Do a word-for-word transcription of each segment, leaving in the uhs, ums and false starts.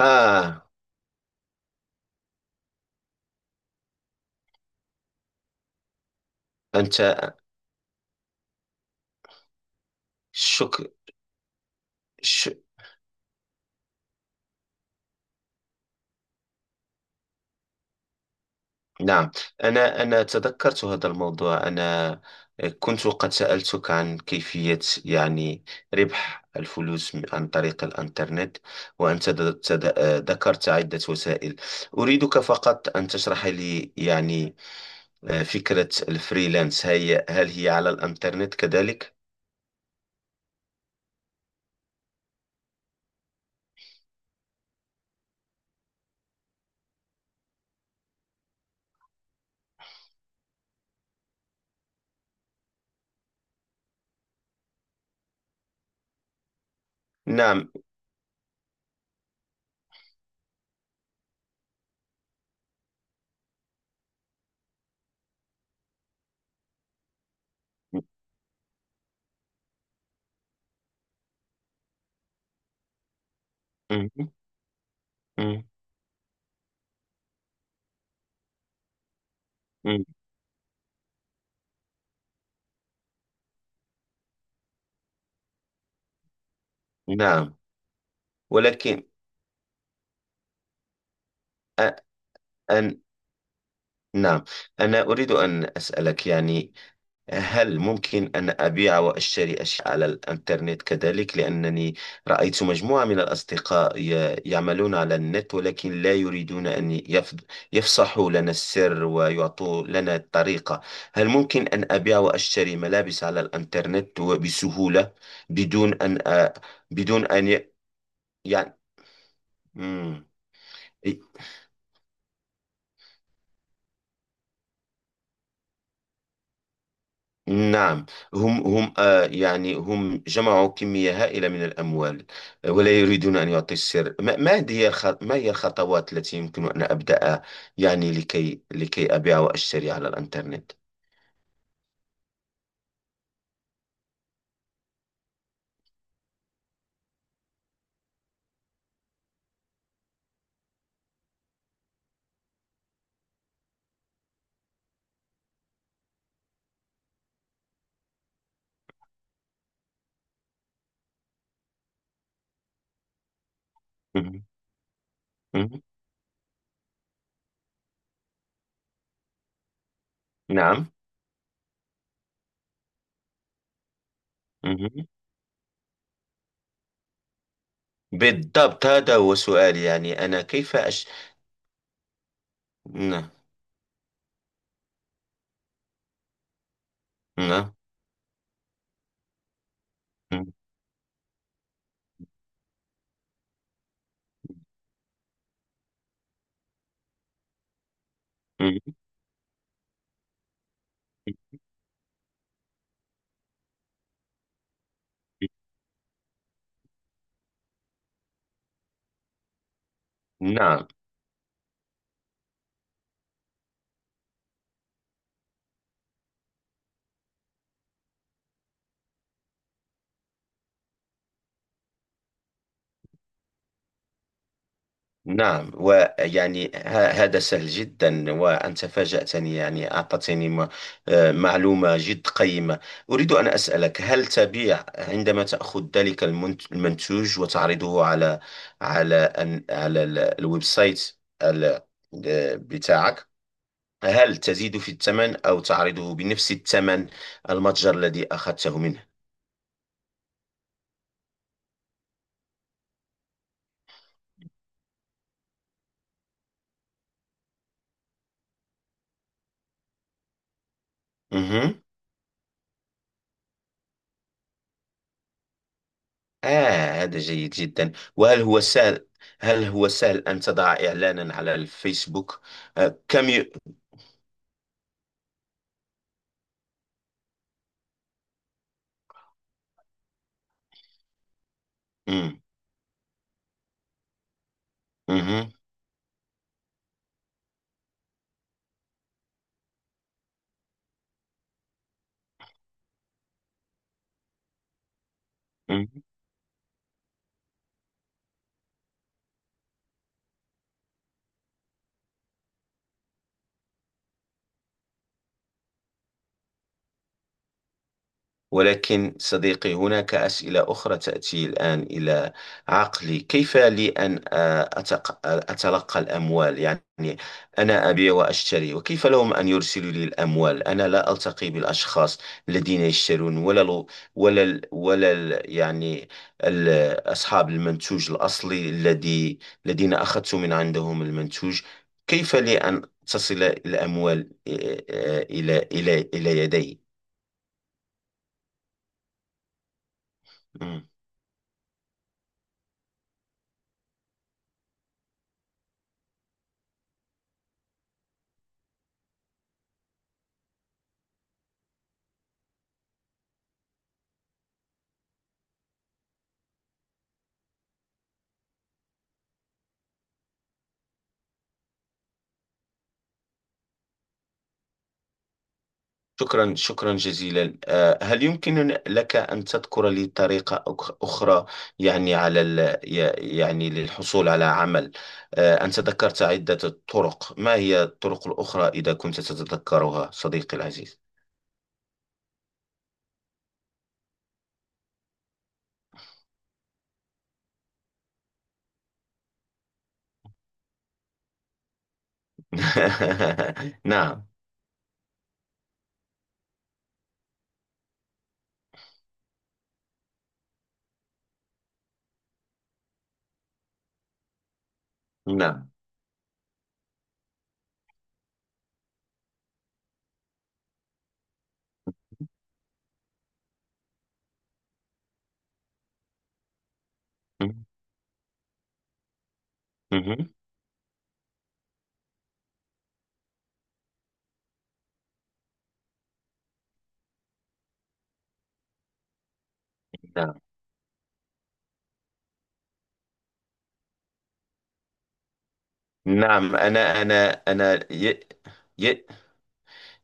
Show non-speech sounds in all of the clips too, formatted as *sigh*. آه أنت شك ش... نعم. أنا أنا تذكرت هذا الموضوع. أنا كنت قد سألتك عن كيفية يعني ربح الفلوس م- عن طريق الإنترنت. وأنت د- تد... آه، ذكرت عدة وسائل. أريدك فقط أن تشرح لي يعني آه، فكرة الفريلانس، هي هل هي على الإنترنت كذلك؟ نعم. مم. مم. مم. نعم. ولكن أ- أن- نعم، أنا أريد أن أسألك يعني هل ممكن أن أبيع وأشتري أشياء على الإنترنت كذلك؟ لأنني رأيت مجموعة من الأصدقاء ي- يعملون على النت، ولكن لا يريدون أن يف- يفصحوا لنا السر ويعطوا لنا الطريقة. هل ممكن أن أبيع وأشتري ملابس على الإنترنت وبسهولة بدون أن أ... بدون أن ي... يعني؟ مم. نعم. هم هم آه يعني هم جمعوا كمية هائلة من الأموال، آه، ولا يريدون أن يعطي السر. ما, ما هي الخ- ما هي الخطوات التي يمكن أن أبدأ، يعني لكي لكي أبيع وأشتري على الإنترنت؟ مهم. مهم. نعم. مهم. بالضبط هذا هو سؤالي، يعني أنا كيف أش... نعم. نعم. مهم. مهم. نعم. نعم، ويعني ه- هذا سهل جدا وأنت فاجأتني، يعني أعطتني م- آه، معلومة جد قيمة. أريد أن أسألك، هل تبيع عندما تأخذ ذلك المنت- المنتوج وتعرضه على على أن- على ال- الويب سايت ال- آه، بتاعك؟ هل تزيد في الثمن أو تعرضه بنفس الثمن المتجر الذي أخذته منه؟ آه هذا جيد جدا. وهل هو سهل هل هو سهل أن تضع إعلانا على الفيسبوك؟ آه كم ي... مم. مهم. ولكن صديقي، هناك أسئلة أخرى تأتي الآن إلى عقلي. كيف لي أن آه، أتق- أتلقى الأموال؟ يعني أنا أبيع وأشتري، وكيف لهم أن يرسلوا لي الأموال؟ أنا لا ألتقي بالأشخاص الذين يشترون ولا ال ولا ال ولا ال يعني ال أصحاب المنتوج الأصلي الذي الذين أخذت من عندهم المنتوج. كيف لي أن تصل الأموال آه، آه، إلى إلى إلى يدي؟ شكرا، شكرا جزيلا. آه، هل يمكن لك أن تذكر لي طريقة أخ- أخرى، يعني على ال... ي- يعني للحصول على عمل؟ آه، أنت ذكرت عدة طرق، ما هي الطرق الأخرى إذا كنت تتذكرها صديقي العزيز؟ *laughs* نعم. نعم. مهم. نعم. نعم. أنا أنا أنا ي... ي...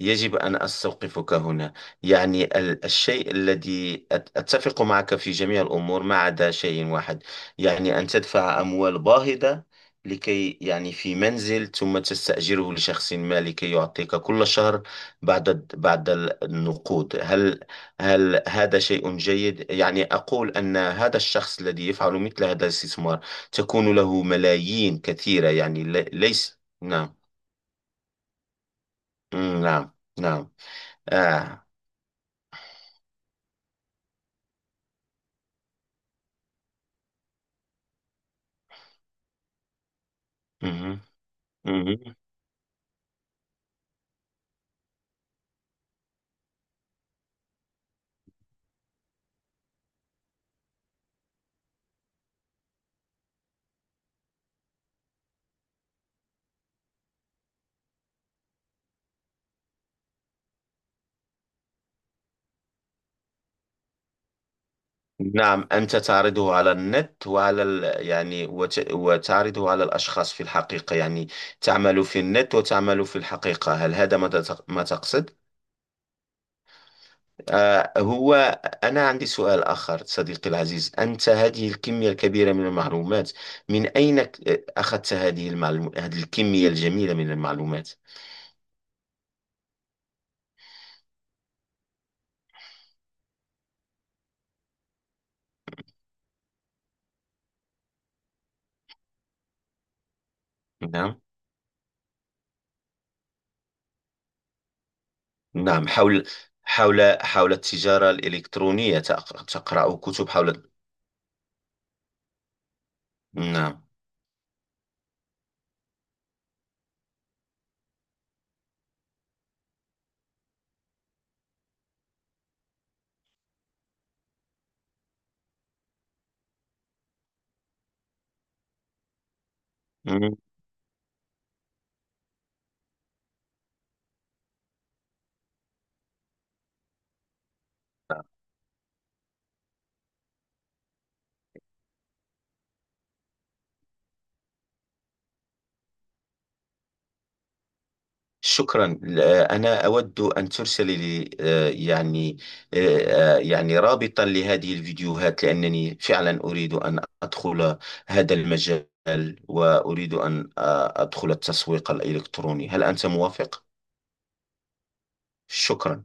يجب أن أستوقفك هنا. يعني ال- الشيء الذي أت- أتفق معك في جميع الأمور ما عدا شيء واحد، يعني أن تدفع أموال باهظة لكي يعني في منزل ثم تستأجره لشخص ما لكي يعطيك كل شهر بعد الد- بعد ال- النقود. هل هل هذا شيء جيد؟ يعني أقول أن هذا الشخص الذي يفعل مثل هذا الاستثمار تكون له ملايين كثيرة، يعني لي- ليس. نعم. مم، نعم. نعم. آه. مهم. مهم. نعم، أنت تعرضه على النت وعلى ال... يعني وت... وتعرضه على الأشخاص في الحقيقة، يعني تعمل في النت وتعمل في الحقيقة، هل هذا ما, تت... ما تقصد؟ آه هو أنا عندي سؤال آخر، صديقي العزيز، أنت هذه الكمية الكبيرة من المعلومات، من أين ك- أخذت هذه المعلوم... هذه الكمية الجميلة من المعلومات؟ نعم. نعم، حول حول حول التجارة الإلكترونية، تق- تقرأ كتب حول؟ نعم. مم. شكرا. آه، أنا أود أن ترسل لي آه، يعني آه، آه، يعني رابطا لهذه الفيديوهات، لأنني فعلا أريد أن أدخل هذا المجال، وأريد أن آه، أدخل التسويق الإلكتروني، هل أنت موافق؟ شكرا.